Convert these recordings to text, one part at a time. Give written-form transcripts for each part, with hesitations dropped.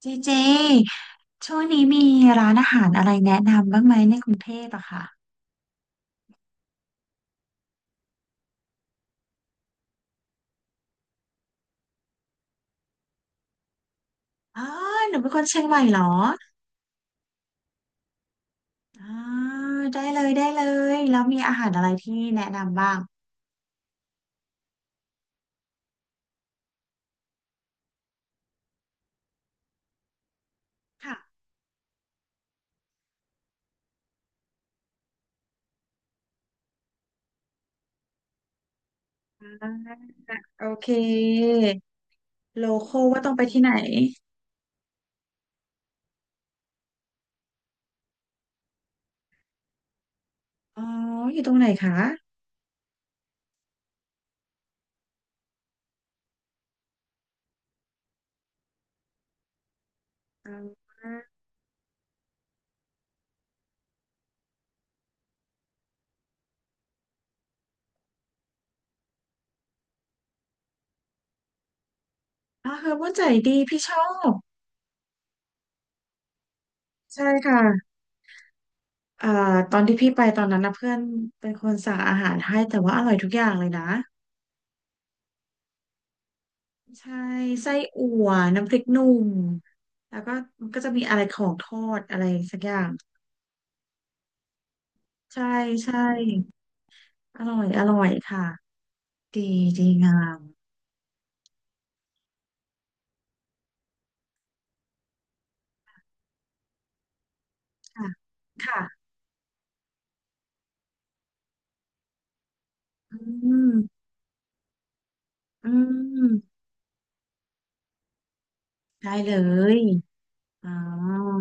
เจเจช่วงนี้มีร้านอาหารอะไรแนะนำบ้างไหมในกรุงเทพอะค่ะอ๋อหนูเป็นคนเชียงใหม่เหรออ๋อได้เลยได้เลยแล้วมีอาหารอะไรที่แนะนำบ้างค่ะโอเคโลโคว่าต้องไปที่ไหนอ๋ออยู่ตรงไหนคะอ๋อเฮอร์โบใจดีพี่ชอบใช่ค่ะเอ่อตอนที่พี่ไปตอนนั้นนะเพื่อนเป็นคนสั่งอาหารให้แต่ว่าอร่อยทุกอย่างเลยนะ ใช่ไส้อั่วน้ำพริกหนุ่มแล้วก็มันก็จะมีอะไรของทอดอะไรสักอย่างใช่ใช่อร่อยอร่อยค่ะดีดีงามค่ะค่ะอืมอืมได้เลยอ๋อ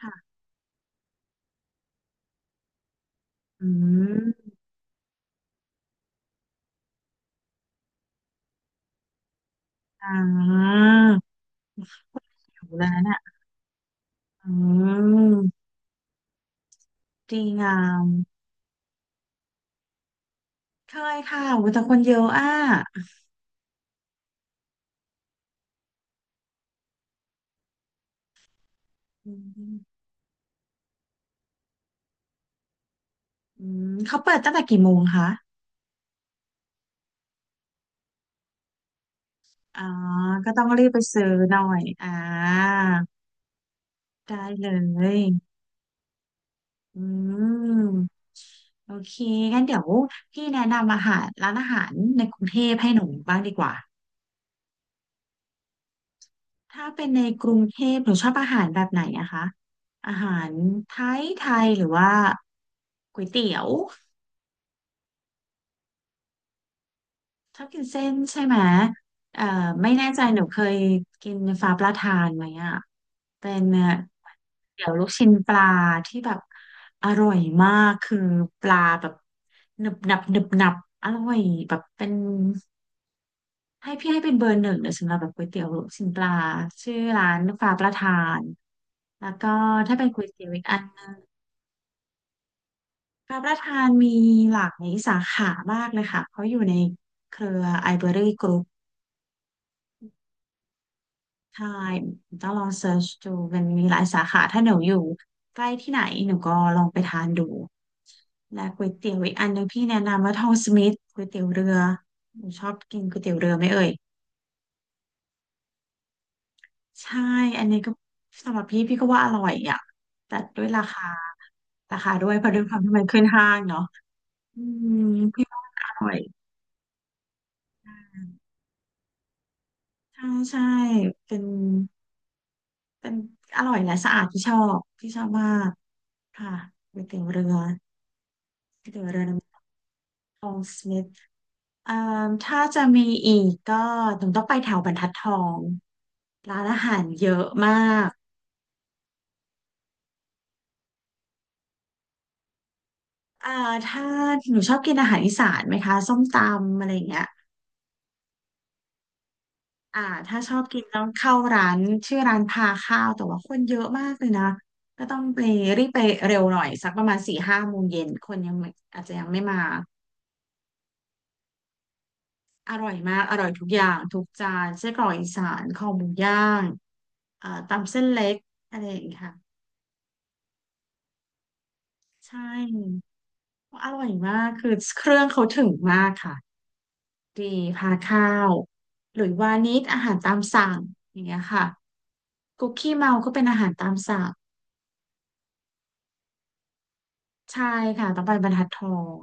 ค่ะอืมอ่าอยู่แล้วน่ะอืมดีงามเคยค่ะโอุยแต่คนเยอะอ่ะอืมอืมเขาเปิดตั้งแต่กี่โมงคะ อ๋อก็ต้องรีบไปซื้อหน่อยอ่าได้เลยอืมโอเคงั้นเดี๋ยวพี่แนะนำอาหารร้านอาหารในกรุงเทพให้หนูบ้างดีกว่า ถ้าเป็นในกรุงเทพหนูชอบอาหารแบบไหนนะคะ อาหารไทยไทยหรือว่าก๋วยเตี๋ยว ชอบกินเส้นใช่ไหมเอ่อไม่แน่ใจหนูเคยกินฟ้าปลาทานไหมอ่ะเป็นเดี๋ยวลูกชิ้นปลาที่แบบอร่อยมากคือปลาแบบหนึบหนับหนึบหนับอร่อยแบบเป็นให้พี่ให้เป็นเบอร์หนึ่งเลยสำหรับแบบก๋วยเตี๋ยวลูกชิ้นปลาชื่อร้านฟ้าปลาทานแล้วก็ถ้าเป็นก๋วยเตี๋ยวอีกอันฟ้าประทานมีหลากหลายสาขามากเลยค่ะเขาอยู่ในเครือไอเบอรี่กรุ๊ ใช่ต้องลองเสิร์ชดูมันมีหลายสาขาถ้าหนูอยู่ใกล้ที่ไหนหนูก็ลองไปทานดูและก๋วยเตี๋ยวอีกอันหนึงพี่แนะนำว่าทองสมิธก๋วยเตี๋ยวเรือหนูชอบกินก๋วยเตี๋ยวเรือไหมเอ่ยใช่ อันนี้ก็สำหรับพี่พี่ก็ว่าอร่อยอ่ะแต่ด้วยราคาราคาด้วยเพราะด้วยความที่มันขึ้นห้างเนาะอืมพี่ว่าอร่อยใช่ใช่เป็นเป็นอร่อยและสะอาดที่ชอบมากค่ะก๋วยเตี๋ยวเรือก๋วยเตี๋ยวเรือน้ ทองสมิธเอ่าถ้าจะมีอีกก็หนูต้องไปแถวบรรทัดทองร้านอาหารเยอะมากอ่าถ้าหนูชอบกินอาหารอีสานไหมคะส้มตำอะไรอย่างเงี้ยอ่าถ้าชอบกินต้องเข้าร้านชื่อร้านพาข้าวแต่ว่าคนเยอะมากเลยนะก็ต้องไปรีบไปเร็วหน่อยสักประมาณสี่ห้าโมงเย็นคนยังไม่อาจจะยังไม่มาอร่อยมากอร่อยทุกอย่างทุกจานไส้กรอกอีสานคอหมูย่างอ่าตำเส้นเล็กอะไรอย่างเงี้ยค่ะใช่ อร่อยมาก คือเครื่องเขาถึงมากค่ะ ดีพาข้าวหรือว่านิดอาหารตามสั่งอย่างเงี้ยค่ะคุกกี้เมาก็เป็นอาหารตามสั่งใช่ค่ะต้องไปบรรทัดทอง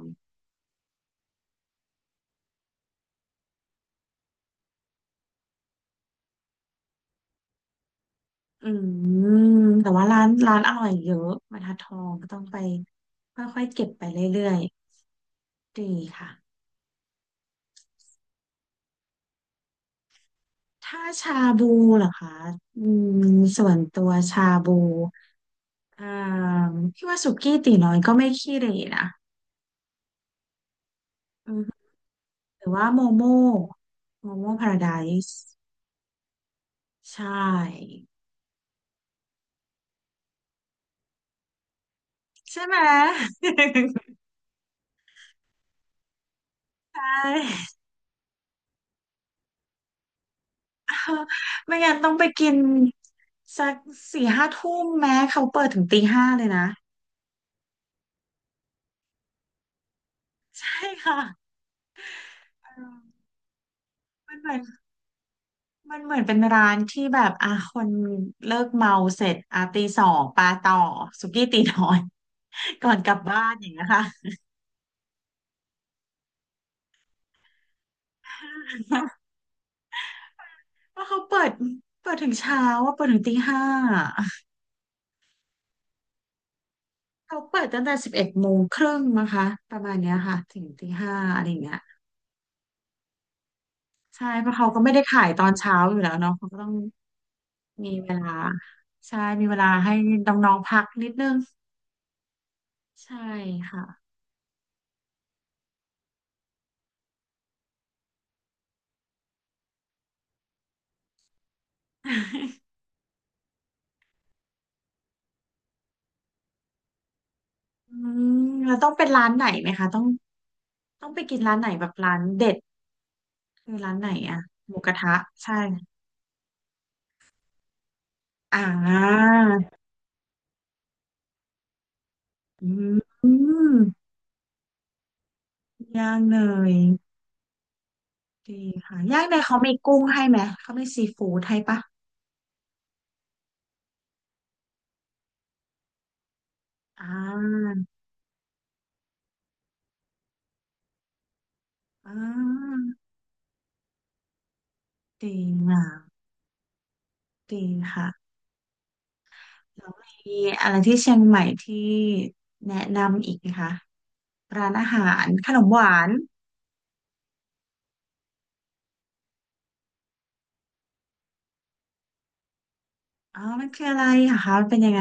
อืมแต่ว่าร้านร้านอร่อยเยอะบรรทัดทองก็ต้องไปค่อยๆเก็บไปเรื่อยๆดีค่ะถ้าชาบูเหรอคะอืมส่วนตัวชาบูอ่าพี่ว่าสุกี้ตี๋น้อยก็ไม่ขี้เหร่นะอืม หรือว่าโมโมโมโมพาราไดซ์ใช่ใช่ไหม ใช่ไม่งั้นต้องไปกินสักสี่ห้าทุ่มแม้เขาเปิดถึงตีห้าเลยนะใช่ค่ะเออมันเหมือนมันเหมือนเป็นร้านที่แบบอ่ะคนเลิกเมาเสร็จอ่ะตีสองปาต่อสุกี้ตีน้อย ก่อนกลับบ้านอย่างเงี้ยค่ะ เพราะเขาเปิดถึงเช้าว่าเปิดถึงตีห้า เขาเปิดตั้งแต่สิบเอ็ดโมงครึ่งนะคะประมาณเนี้ยค่ะถึงตีห้าอะไรอย่างเงี้ยใช่เพราะเขาก็ไม่ได้ขายตอนเช้าอยู่แล้วเนาะเขาก็ต้องมีเวลาใช่มีเวลาให้น้องๆพักนิดนึงใช่ค่ะ อืมแล้วต้องเป็นร้านไหนไหมคะต้องต้องไปกินร้านไหนแบบร้านเด็ดคือร้านไหนอะหมูกระทะใช่อ่าอืมย่างเนยดีค่ะย่างเนยเขามีกุ้งให้ไหมเขามีซีฟู้ดให้ปะอ่า อ่าดีงามดีค่ะแล้วมีอะไรที่เชียงใหม่ที่แนะนำอีกไหมคะร้านอาหารขนมหวานอ๋อมันคืออะไรอะคะมันเป็นยังไง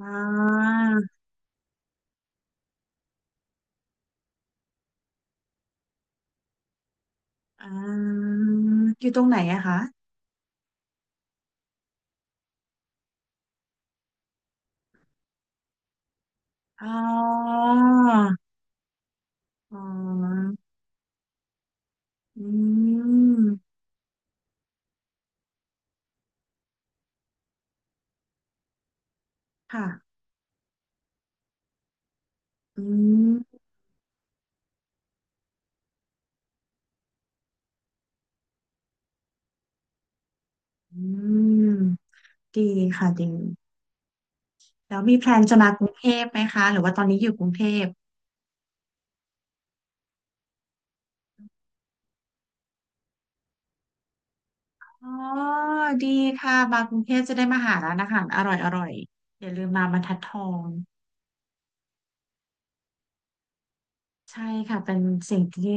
อ่าอ่าอยู่ตรงไหนอะคะอ๋ออ๋ออืมค่ะอืมอืมดีค่ะดีแล้วมีแพลนจะมากรุงเทพไหมคะหรือว่าตอนนี้อยู่กรุงเทพ อ๋อดีค่ะมากรุงเทพจะได้มาหาร้านอาหารอร่อยอร่อยอย่าลืมมาบรรทัดทองใช่ค่ะเป็นสิ่งที่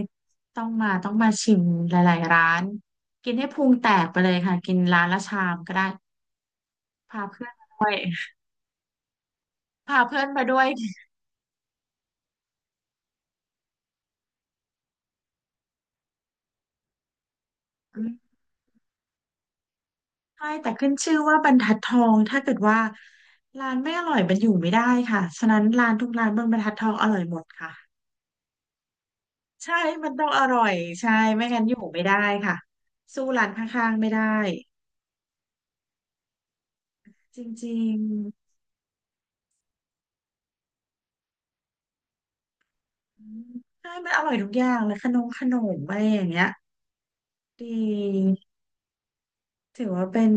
ต้องมาชิมหลายๆร้านกินให้พุงแตกไปเลยค่ะกินร้านละชามก็ได้พาเพื่อนมาด้วยอืมใช่แต่ขึ้นชื่อว่าบรรทัดทองถ้าเกิดว่าร้านไม่อร่อยมันอยู่ไม่ได้ค่ะฉะนั้นร้านทุกร้านบนบรรทัดทองอร่อยหมดค่ะใช่มันต้องอร่อยใช่ไม่งั้นอยู่ไม่ได้ค่ะสู้ร้านข้างๆไม่ได้ จริงๆอืมใช่มันอร่อยทุกอย่างเลยขนมขนมอะไรอย่างเงี้ยดีถือว่าเป็น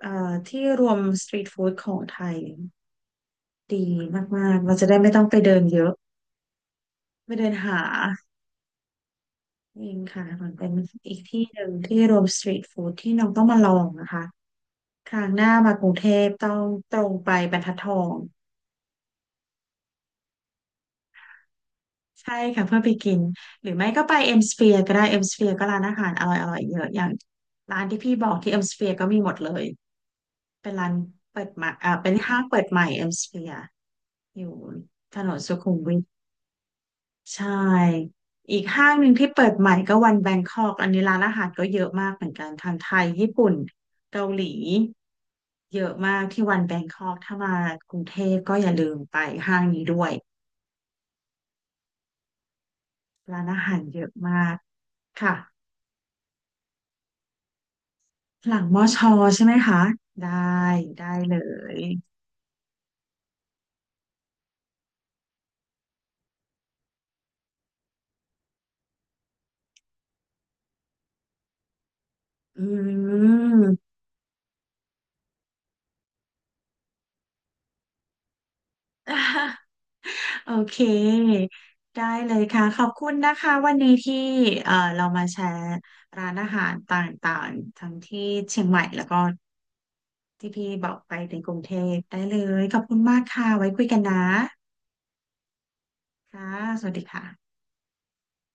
ที่รวมสตรีทฟู้ดของไทยดีมากๆเราจะได้ไม่ต้องไปเดินเยอะไม่เดินหาเองค่ะมันเป็นอีกที่หนึ่งที่รวมสตรีทฟู้ดที่น้องต้องมาลองนะคะครั้งหน้ามากรุงเทพต้องตรงไปบรรทัดทอง ใช่ค่ะเพื่อไปกินหรือไม่ก็ไปเอ็มสเฟียร์ก็ได้เอ็มสเฟียร์ก็ร้านอาหารอร่อยอร่อยเยอะอย่างร้านที่พี่บอกที่เอ็มสเฟียร์ก็มีหมดเลยเป็นร้านเปิดใหม่อ่าเป็นห้างเปิดใหม่เอ็มสเฟียร์อยู่ถนนสุขุมวิทใช่อีกห้างหนึ่งที่เปิดใหม่ก็วันแบงคอกอันนี้ร้านอาหารก็เยอะมากเหมือนกันทั้งไทยญี่ปุ่นเกาหลีเยอะมากที่วันแบงคอกถ้ามากรุงเทพก็อย่าลืมไปห้างนี้ด้วยร้านอาหารเยอะมากค่ะ หลังมอชอใช่ไหมคะได้ได้เลยอืม โอเคได้เลยค่ะขอบคุณนะคะวันนี้ที่เรามาแชร์ร้านอาหารต่างๆทั้งที่เชียงใหม่แล้วก็ที่พี่บอกไปถึงกรุงเทพได้เลยขอบคุณมากค่ะไว้คุยกันนะค่ะสวัสดีค่ะ